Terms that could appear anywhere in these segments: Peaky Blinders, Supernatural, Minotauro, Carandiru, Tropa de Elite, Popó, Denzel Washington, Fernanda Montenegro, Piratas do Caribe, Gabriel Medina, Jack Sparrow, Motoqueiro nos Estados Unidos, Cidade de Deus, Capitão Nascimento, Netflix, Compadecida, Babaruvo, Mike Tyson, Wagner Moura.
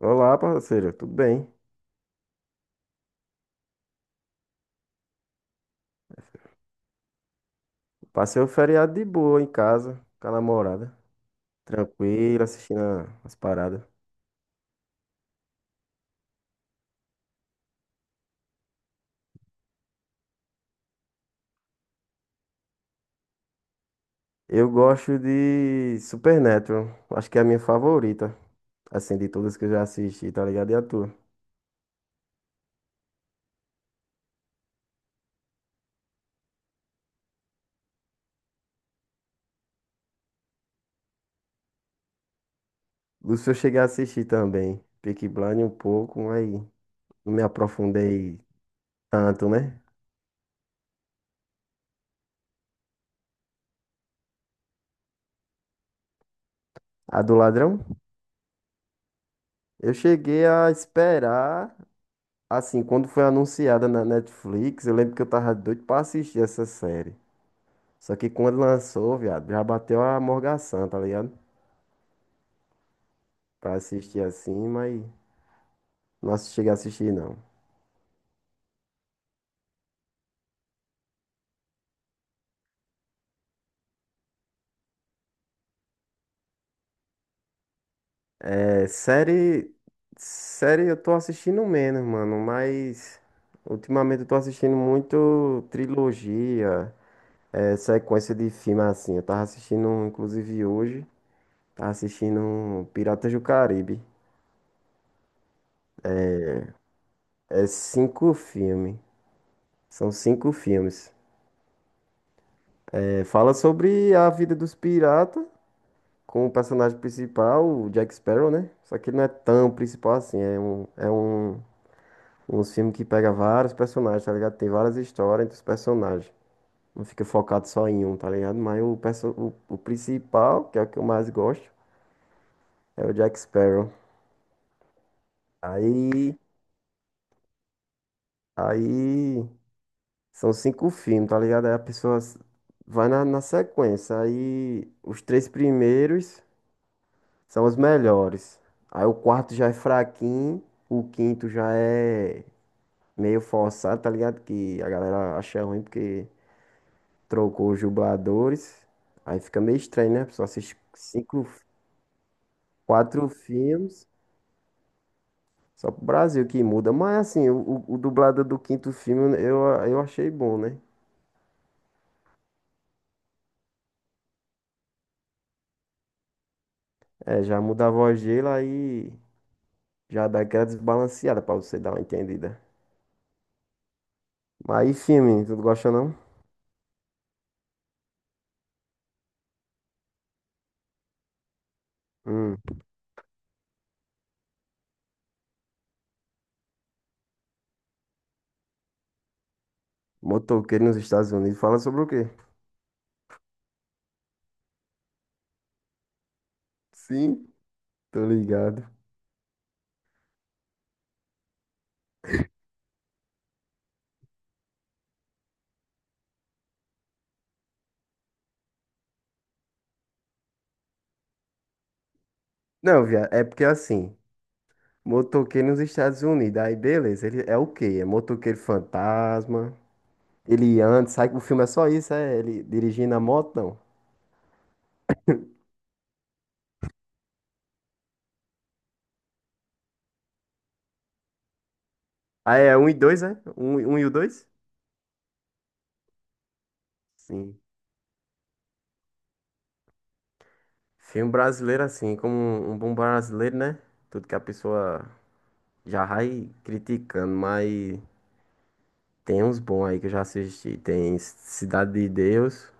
Olá, parceiro, tudo bem? Passei o feriado de boa em casa, com a namorada, tranquilo, assistindo as paradas. Eu gosto de Supernatural, acho que é a minha favorita, assim, de todas que eu já assisti, tá ligado? E a tua? Lúcio eu cheguei a assistir também, Peaky Blinders um pouco, mas não me aprofundei tanto, né? A do Ladrão? Eu cheguei a esperar, assim, quando foi anunciada na Netflix, eu lembro que eu tava doido pra assistir essa série. Só que quando lançou, viado, já bateu a morgação, tá ligado? Pra assistir assim, mas não assisti- cheguei a assistir, não. É, série. Série eu tô assistindo menos, mano, mas. Ultimamente eu tô assistindo muito trilogia, é, sequência de filme assim. Eu tava assistindo, inclusive hoje, tava assistindo Piratas do Caribe. É cinco filmes. São cinco filmes. É, fala sobre a vida dos piratas, com o personagem principal, o Jack Sparrow, né? Só que ele não é tão principal assim. Um filme que pega vários personagens, tá ligado? Tem várias histórias entre os personagens. Não fica focado só em um, tá ligado? Mas o principal, que é o que eu mais gosto, é o Jack Sparrow. Aí, aí são cinco filmes, tá ligado? Aí a pessoa vai na sequência. Aí os três primeiros são os melhores. Aí o quarto já é fraquinho, o quinto já é meio forçado, tá ligado? Que a galera acha ruim porque trocou os dubladores. Aí fica meio estranho, né? A pessoa assiste cinco, quatro filmes só pro Brasil que muda. Mas assim, o dublado do quinto filme eu achei bom, né? É, já muda a voz dele, aí já dá aquela desbalanceada pra você dar uma entendida. Mas e filme, tu não gosta não? Hum, motoqueiro nos Estados Unidos fala sobre o quê? Sim, tô ligado. Não, viado, é porque assim, Motoqueiro nos Estados Unidos. Aí, beleza. Ele é o quê? É motoqueiro fantasma. Ele anda, sai. O filme é só isso, é? Ele dirigindo a moto, não. Ah, é um e dois, é? Um e o dois? Sim. Filme brasileiro, assim, como um bom brasileiro, né? Tudo que a pessoa já vai criticando, mas tem uns bons aí que eu já assisti. Tem Cidade de Deus.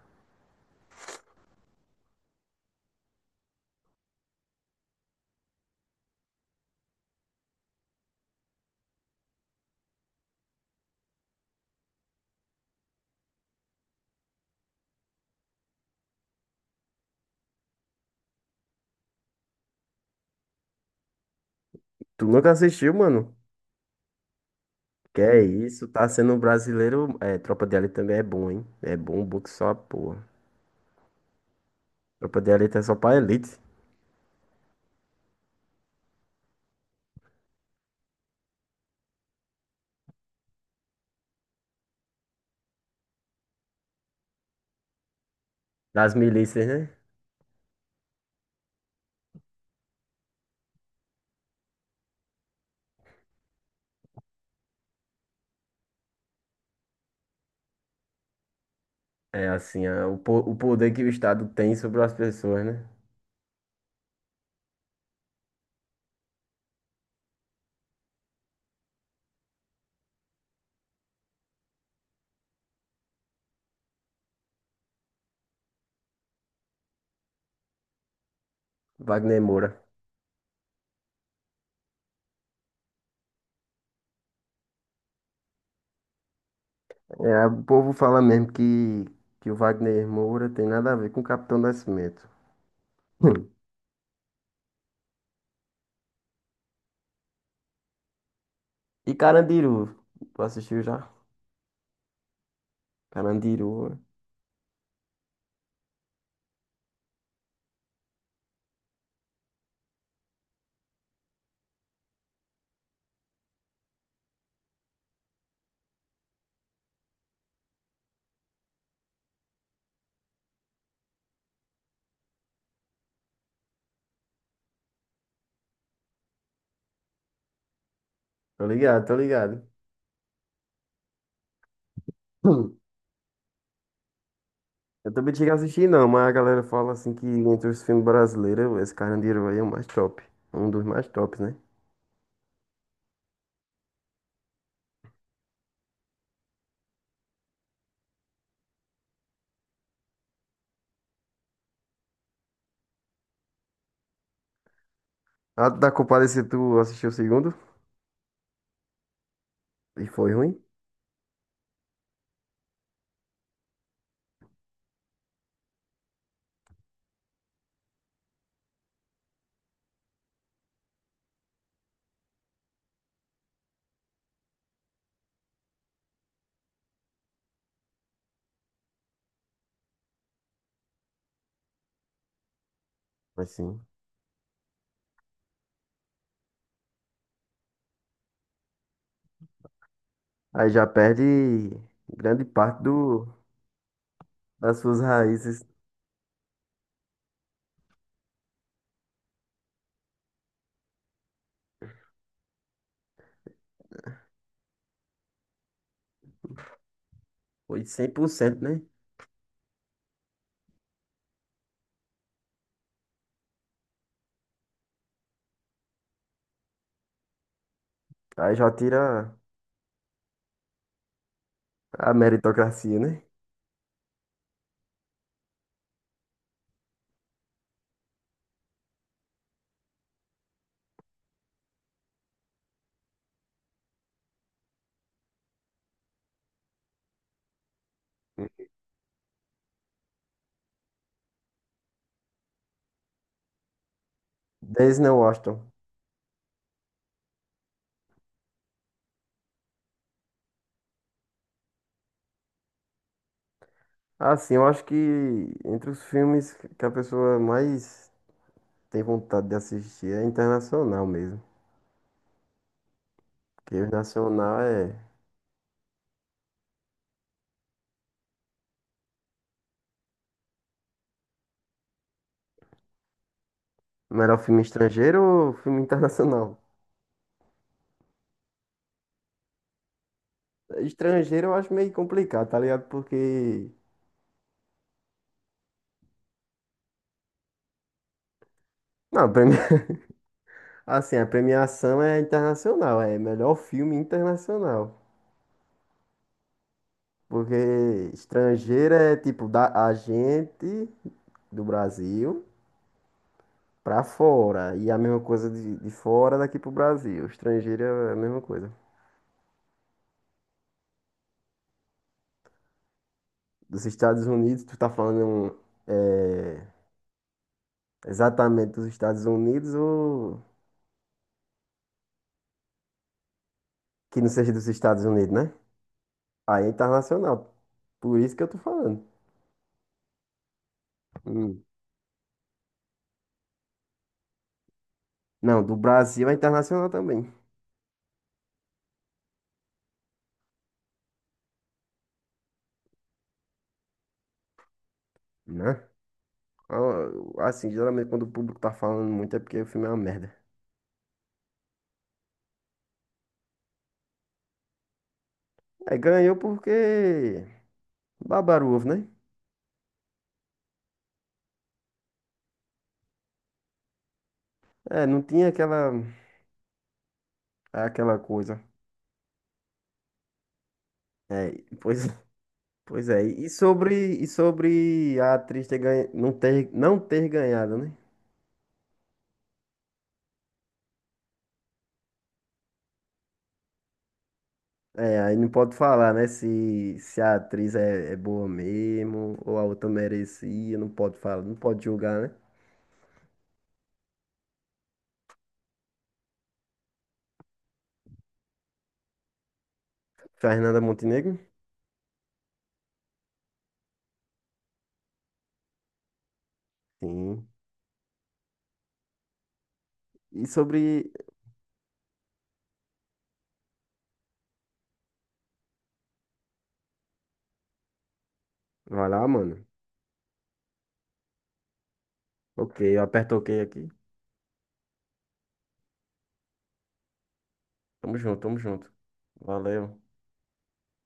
Tu nunca assistiu, mano? Que é isso, tá sendo um brasileiro. É, Tropa de Elite também é bom, hein? É bom, bom que só a porra. Tropa de elite é só pra elite. Das milícias, né? É assim, o poder que o Estado tem sobre as pessoas, né? Wagner Moura. É, o povo fala mesmo que o Wagner Moura tem nada a ver com o Capitão Nascimento. Hum. E Carandiru, tu assistiu já? Carandiru. Tô ligado, tô ligado. Hum. Eu também cheguei a assistir não, mas a galera fala assim que entre os filmes brasileiros, esse Carandiru aí é o mais top. Um dos mais tops, né? A da Compadecida, tu assistiu o segundo? E foi ruim? Mas sim. Aí já perde grande parte das suas raízes. Foi 100%, né? Aí já tira a meritocracia, né? Denzel Washington. Assim, eu acho que entre os filmes que a pessoa mais tem vontade de assistir é internacional mesmo. Porque o nacional é melhor filme estrangeiro ou filme internacional? Estrangeiro eu acho meio complicado, tá ligado? Porque. Não, premi- assim, a premiação é internacional, é melhor filme internacional. Porque estrangeira é tipo da a gente do Brasil pra fora. E a mesma coisa de fora daqui pro Brasil. Estrangeira é a mesma coisa. Dos Estados Unidos, tu tá falando é, exatamente dos Estados Unidos ou que não seja dos Estados Unidos, né? Aí é internacional. Por isso que eu tô falando. Hum. Não, do Brasil é internacional também, né? Ah, assim, geralmente quando o público tá falando muito é porque o filme é uma merda. É, ganhou porque Babaruvo, né? É, não tinha aquela coisa. É, pois, pois é. E sobre a atriz ter ganha, não ter ganhado, né? É, aí não pode falar, né? Se a atriz é boa mesmo ou a outra merecia, não pode falar, não pode julgar, né? Fernanda Montenegro? Sim. E sobre, vai lá, mano. Ok, eu aperto ok aqui. Tamo junto, tamo junto. Valeu.